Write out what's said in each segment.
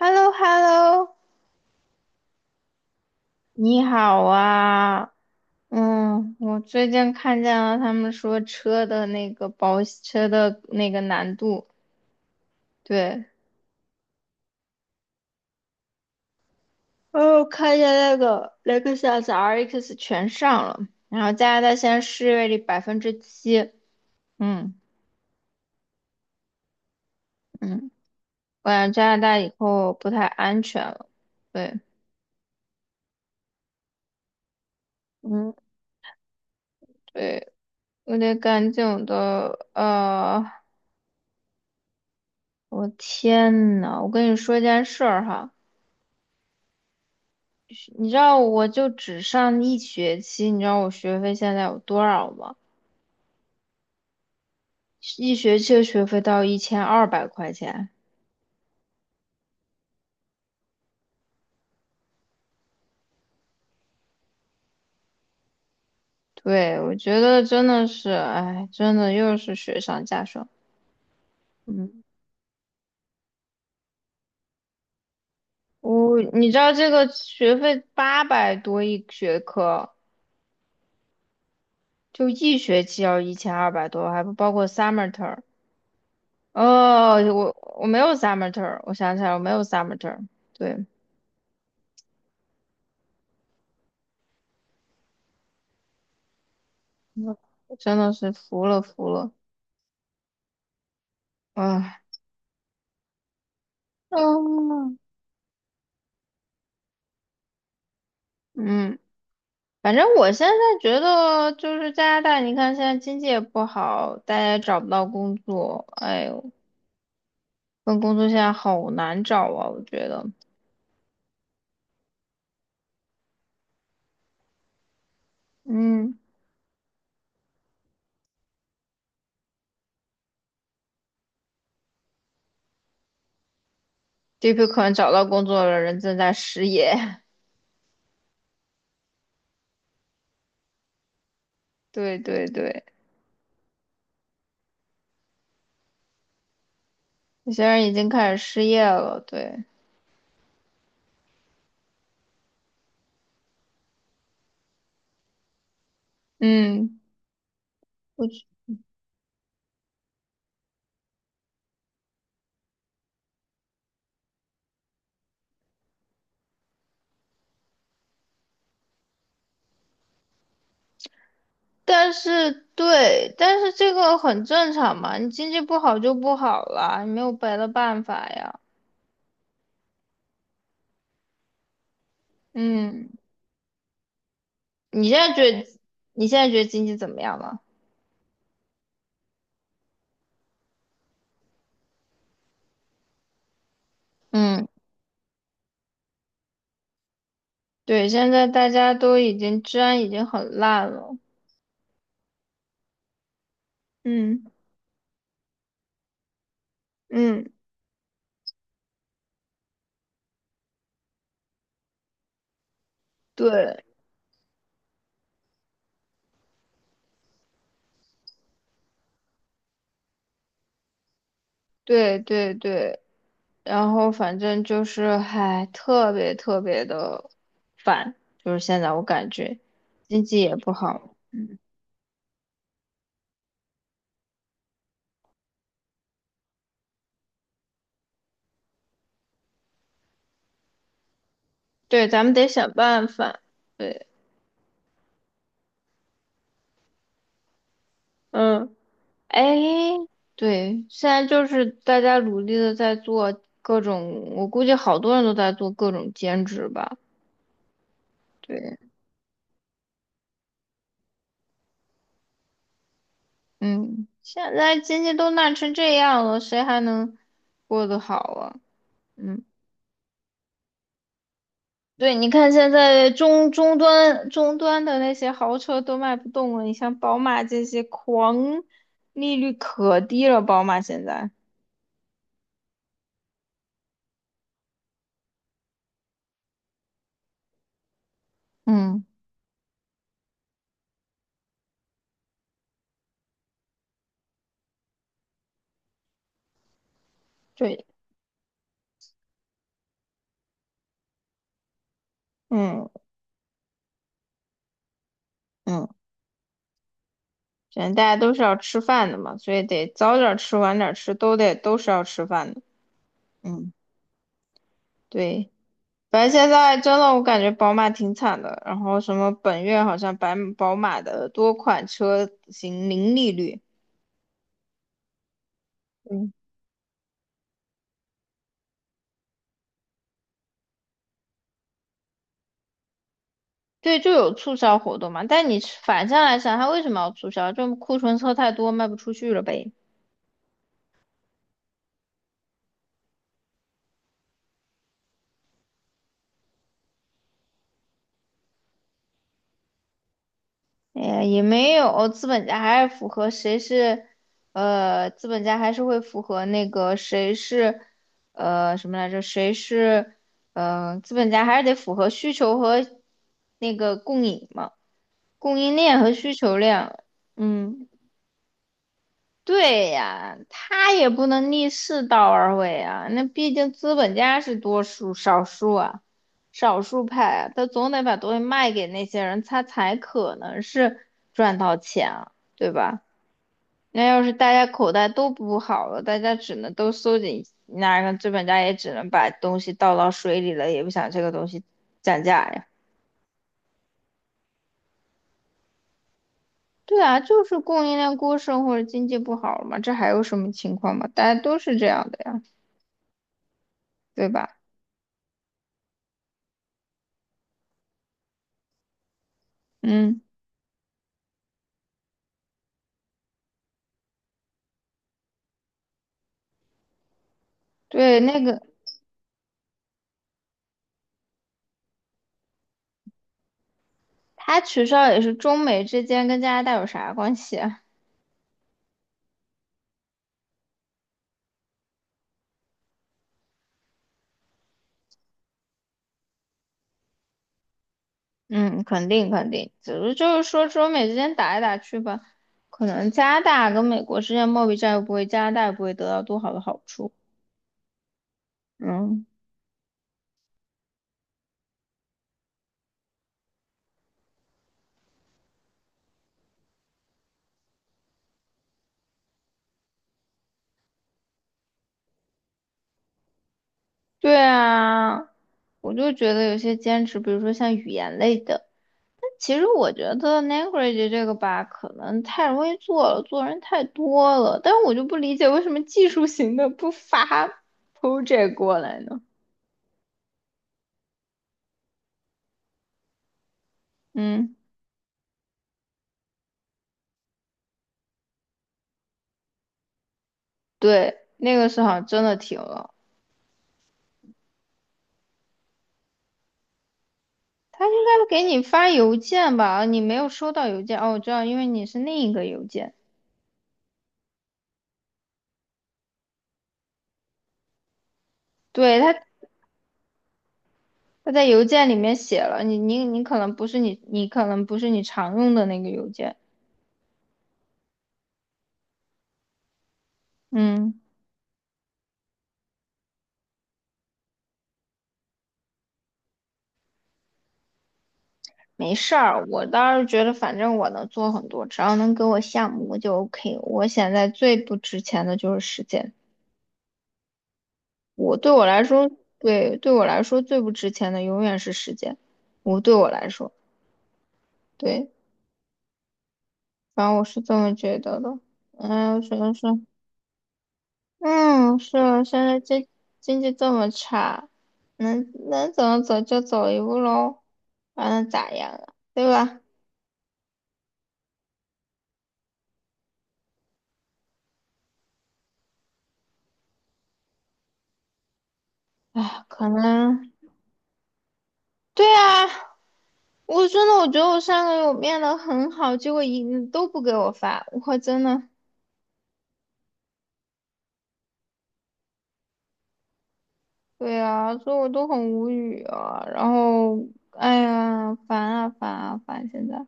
h e l l o h e l l o 你好啊。嗯，我最近看见了他们说车的那个保车的那个难度，对，哦，看见那个雷克萨斯 RX 全上了，然后加拿大现在失业率7%。嗯嗯，我感觉加拿大以后不太安全了，对。嗯，对，我得赶紧的，我天呐，我跟你说一件事儿哈。你知道我就只上一学期，你知道我学费现在有多少吗？一学期的学费到1200块钱。对，我觉得真的是，哎，真的又是雪上加霜。嗯，我，你知道这个学费八百多一学科，就一学期要1200多，还不包括 summer term。哦，我没有 summer term,我想起来我没有 summer term。对，嗯，真的是服了服了，啊。啊嗯，反正我现在觉得就是加拿大，你看现在经济也不好，大家也找不到工作，哎呦，份工作现在好难找啊，我觉得。嗯，这批可能找到工作的人正在失业。对对对，有些人已经开始失业了，对。嗯，我觉但是对，但是这个很正常嘛，你经济不好就不好了，你没有别的办法呀。嗯，你现在觉得你现在觉得经济怎么样了？嗯，对，现在大家都已经治安已经很烂了。嗯嗯，对对对对，然后反正就是还特别特别的烦，就是现在我感觉经济也不好。对，咱们得想办法。对，嗯，哎，对，现在就是大家努力的在做各种，我估计好多人都在做各种兼职吧。对。嗯，现在经济都烂成这样了，谁还能过得好啊？嗯，对，你看现在中端的那些豪车都卖不动了，你像宝马这些狂，利率可低了，宝马现在。嗯，对，嗯嗯，现在大家都是要吃饭的嘛，所以得早点吃晚点吃，都是要吃饭的。嗯。对，反正现在真的我感觉宝马挺惨的，然后什么本月好像白宝马的多款车型零利率。嗯，对，就有促销活动嘛。但你反向来想，它为什么要促销？就库存车太多卖不出去了呗。哎呀，也没有，资本家还是符合谁是，资本家还是会符合那个谁是，什么来着？谁是，资本家还是得符合需求和那个供应嘛。供应链和需求量。嗯，对呀，他也不能逆世道而为啊，那毕竟资本家是多数少数啊，少数派啊，他总得把东西卖给那些人，他才可能是赚到钱啊，对吧？那要是大家口袋都不好了，大家只能都收紧，那个资本家也只能把东西倒到水里了，也不想这个东西涨价呀。对啊，就是供应链过剩或者经济不好嘛，这还有什么情况嘛？大家都是这样的呀，对吧？嗯，对，那个他取消也是中美之间跟加拿大有啥关系啊？嗯，肯定肯定，只是就是说中美之间打来打去吧，可能加拿大跟美国之间贸易战又不会，加拿大也不会得到多好的好处。嗯，对啊，我就觉得有些兼职，比如说像语言类的。其实我觉得 language 这个吧，可能太容易做了，做人太多了。但我就不理解为什么技术型的不发 project 过来呢？嗯，对，那个时候真的停了。他应该给你发邮件吧？你没有收到邮件哦，我知道，因为你是另一个邮件。对，他，他在邮件里面写了，你可能不是你，你可能不是你常用的那个邮件。嗯。没事儿，我倒是觉得反正我能做很多，只要能给我项目我就 OK。我现在最不值钱的就是时间，我对我来说，对，对我来说最不值钱的永远是时间。我对我来说，对，反正我是这么觉得的。嗯，主要是。嗯，是啊，现在经济这么差，能怎么走就走一步喽，还能咋样啊？对吧？哎，可能，对啊，我真的我觉得我上个月我变得很好，结果一都不给我发，我真的，对啊，所以我都很无语啊。然后，哎呀，烦啊烦啊烦！现在，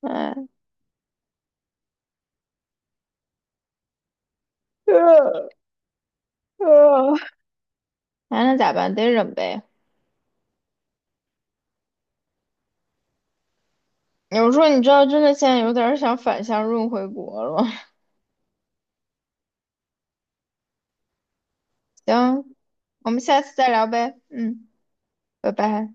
哎，呃呃烦了咋办？得忍呗。有时候你知道，真的现在有点儿想反向润回国了。行，我们下次再聊呗。嗯，拜拜。